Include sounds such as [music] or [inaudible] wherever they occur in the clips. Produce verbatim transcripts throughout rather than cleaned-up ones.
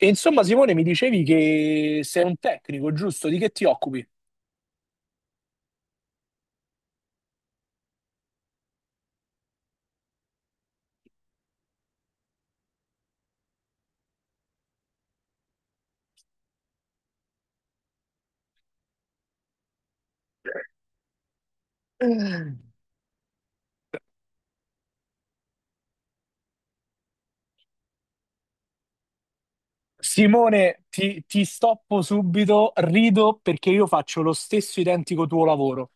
E insomma, Simone, mi dicevi che sei un tecnico, giusto? Di che ti occupi? Simone, ti, ti stoppo subito, rido perché io faccio lo stesso identico tuo lavoro.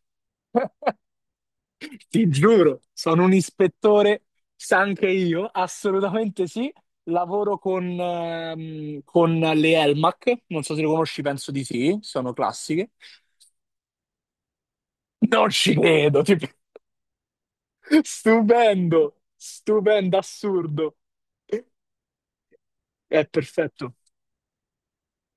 Ti giuro, sono un ispettore, sa anche io, assolutamente sì. Lavoro con, ehm, con le Elmac, non so se le conosci, penso di sì, sono classiche. Non ci credo, ti- [laughs] stupendo, stupendo, assurdo. È perfetto.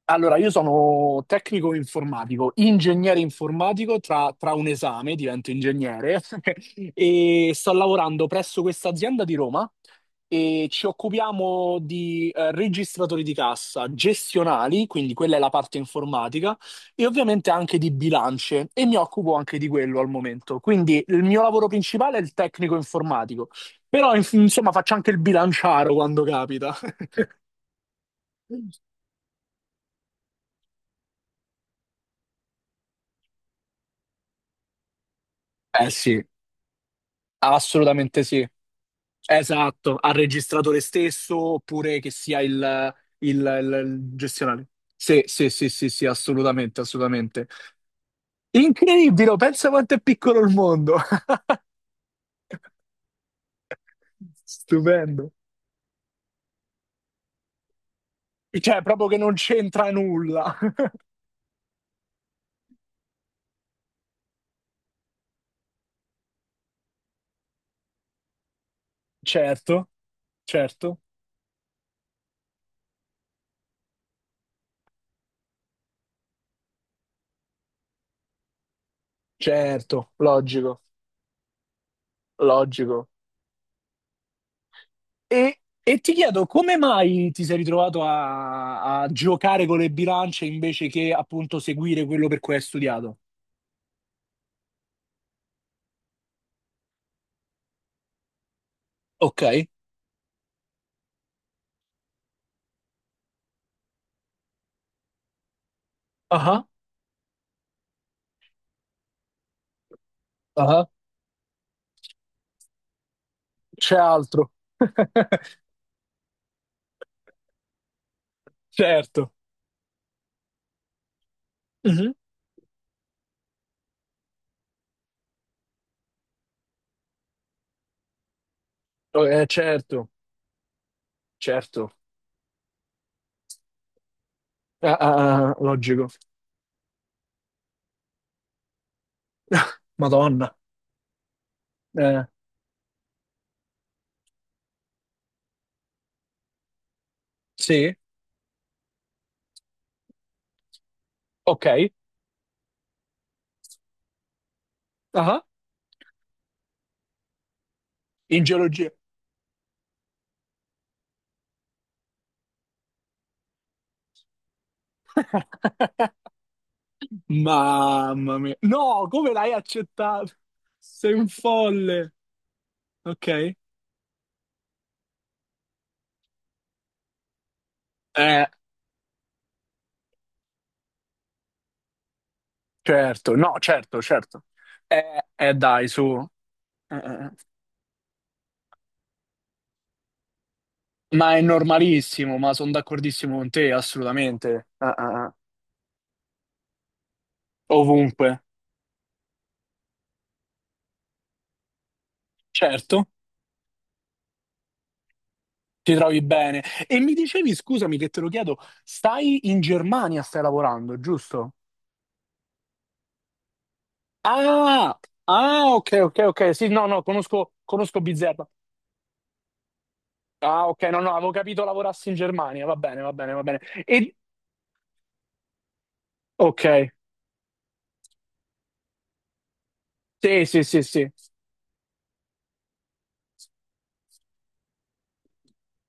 Allora, io sono tecnico informatico, ingegnere informatico, tra, tra un esame divento ingegnere [laughs] e sto lavorando presso questa azienda di Roma e ci occupiamo di eh, registratori di cassa gestionali, quindi quella è la parte informatica, e ovviamente anche di bilance e mi occupo anche di quello al momento. Quindi il mio lavoro principale è il tecnico informatico, però inf- insomma faccio anche il bilanciaro quando capita. [laughs] Eh sì, assolutamente sì. Esatto, al registratore stesso oppure che sia il, il- il- il gestionale. Sì, sì, sì, sì, sì, assolutamente, assolutamente. Incredibile, oh, pensa quanto è piccolo il mondo. [laughs] Stupendo. Cioè, proprio che non c'entra nulla. [laughs] Certo, certo, certo, logico, logico. E, e ti chiedo, come mai ti sei ritrovato a, a giocare con le bilance invece che appunto seguire quello per cui hai studiato? Ok. Ah, ah. C'è altro. [laughs] Certo. Mhm. Eh, certo, certo. Ah, ah, ah, logico. [laughs] Madonna. Eh, sì, ok. Ah, in geologia. Mamma mia. No, come l'hai accettato? Sei un folle. Ok. Eh, certo. No, certo, certo. Eh, eh, dai, su. Eh, eh, eh. Ma è normalissimo, ma sono d'accordissimo con te, assolutamente. Ah, ah, ah. Ovunque. Certo. Ti trovi bene. E mi dicevi, scusami che te lo chiedo, stai in Germania, stai lavorando, giusto? Ah, ah, ok, ok, ok. Sì, no, no, conosco, conosco Bizerba. Ah, ok, no, no, avevo capito lavorassi in Germania. Va bene, va bene, va bene. E, ok, sì, sì, sì, sì.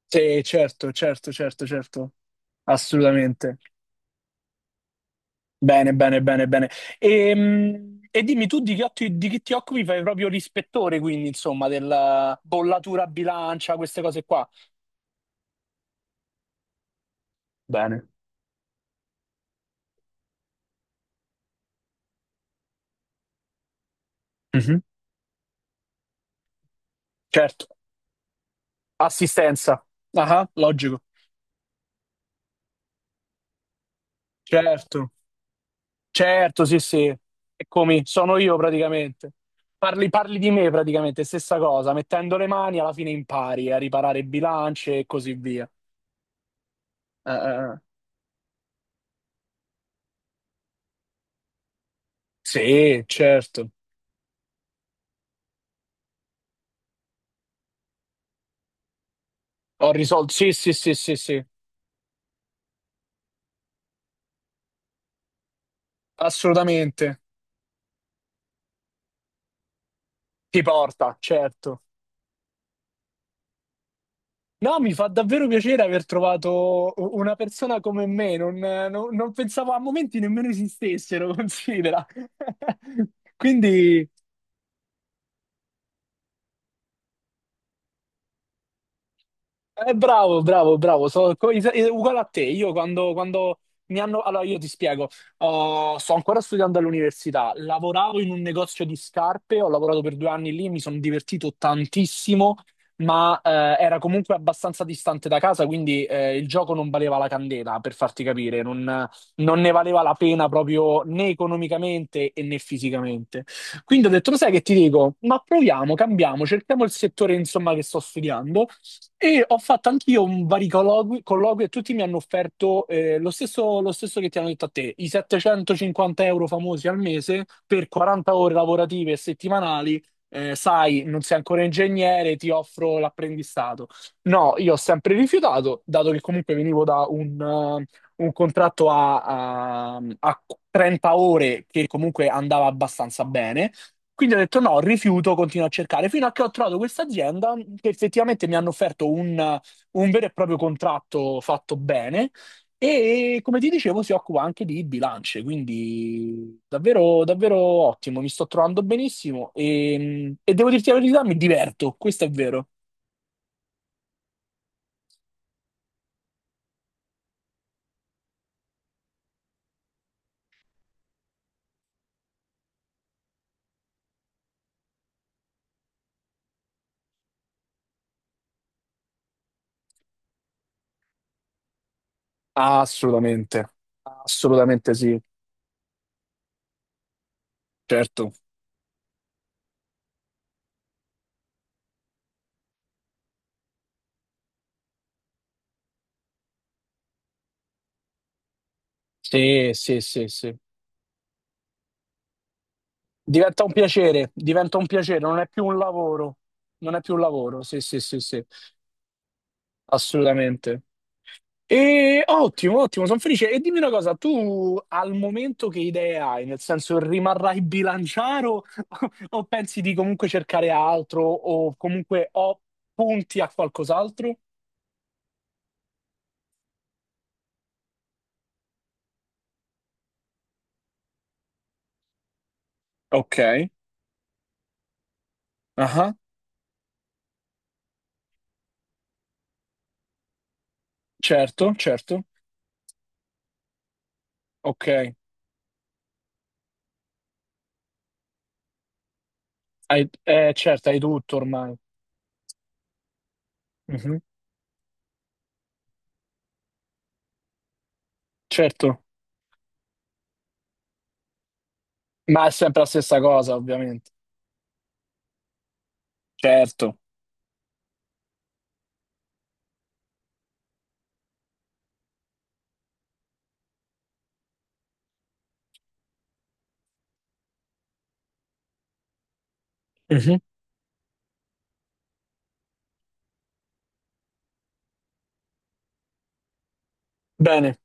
Sì, certo, certo, certo, certo. Assolutamente. Bene, bene, bene, bene. Ehm, E, dimmi tu di che, otti- di che ti occupi? Fai proprio l'ispettore, quindi, insomma, della bollatura a bilancia, queste cose qua. Bene. Mhm. Certo, assistenza. Ah, logico. Certo, certo, sì, sì. Eccomi, sono io praticamente. Parli, parli di me praticamente, stessa cosa. Mettendo le mani alla fine impari a riparare bilance e così via. Eh, eh, eh. Sì, certo. Ho risolto. Sì, sì, sì, sì, sì. Assolutamente. Ti porta, certo. No, mi fa davvero piacere aver trovato u- una persona come me, non, non- non pensavo a momenti nemmeno esistessero, [laughs] considera. [laughs] Quindi eh, bravo, bravo, bravo, sono co- is- eh, uguale a te. Io quando, quando mi hanno... Allora, io ti spiego. Oh, sto ancora studiando all'università, lavoravo in un negozio di scarpe, ho lavorato per due anni lì, mi sono divertito tantissimo, ma eh, era comunque abbastanza distante da casa, quindi eh, il gioco non valeva la candela, per farti capire, non, non ne valeva la pena proprio né economicamente e né fisicamente. Quindi ho detto, lo sai che ti dico? Ma proviamo, cambiamo, cerchiamo il settore, insomma, che sto studiando. E ho fatto anch'io un vari colloqui, colloqui e tutti mi hanno offerto eh, lo stesso, lo stesso che ti hanno detto a te, i settecentocinquanta euro famosi al mese per quaranta ore lavorative e settimanali. Eh, sai, non sei ancora ingegnere, ti offro l'apprendistato. No, io ho sempre rifiutato, dato che comunque venivo da un, eh, un contratto a, a a trenta ore che comunque andava abbastanza bene. Quindi ho detto no, rifiuto, continuo a cercare, fino a che ho trovato questa azienda che effettivamente mi hanno offerto un, un vero e proprio contratto fatto bene e come ti dicevo si occupa anche di bilance, quindi davvero, davvero ottimo, mi sto trovando benissimo e, e devo dirti la verità, mi diverto, questo è vero. Assolutamente, assolutamente sì, certo. Sì, sì, sì, sì. Diventa un piacere, diventa un piacere, non è più un lavoro, non è più un lavoro, sì, sì, sì, sì. Assolutamente. E ottimo, ottimo, sono felice. E dimmi una cosa, tu al momento che idee hai? Nel senso, rimarrai bilanciaro [laughs] o pensi di comunque cercare altro o comunque o punti a qualcos'altro? Ok, ah, certo, certo. Ok, hai, eh, certo, hai tutto ormai. Mhm. Certo, ma è sempre la stessa cosa, ovviamente. Certo. Mhm. Bene,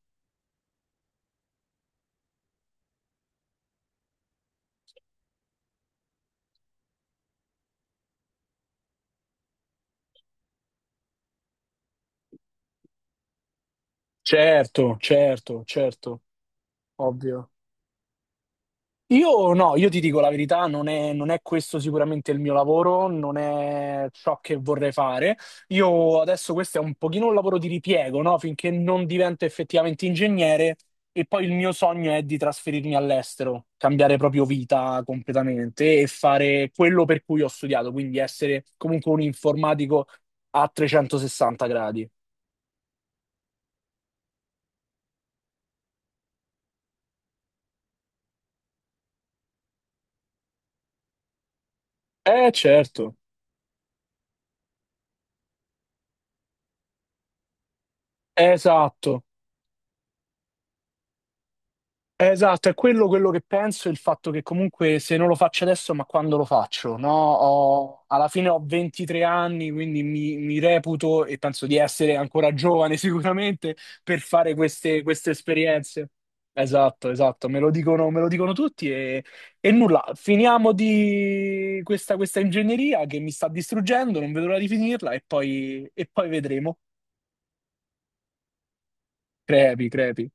certo, certo, certo, ovvio. Io no, io ti dico la verità, non è, non è questo sicuramente il mio lavoro, non è ciò che vorrei fare. Io adesso questo è un pochino un lavoro di ripiego, no? Finché non divento effettivamente ingegnere e poi il mio sogno è di trasferirmi all'estero, cambiare proprio vita completamente e fare quello per cui ho studiato, quindi essere comunque un informatico a trecentosessanta gradi. Eh certo, esatto. Eh, esatto, è quello, quello che penso, il fatto che comunque se non lo faccio adesso, ma quando lo faccio, no? Ho- alla fine ho ventitré anni, quindi mi, mi reputo e penso di essere ancora giovane [laughs] sicuramente per fare queste, queste esperienze. Esatto, esatto, me lo dicono, me lo dicono tutti e, e nulla, finiamo di questa, questa ingegneria che mi sta distruggendo, non vedo l'ora di finirla e poi, e poi vedremo. Crepi, crepi.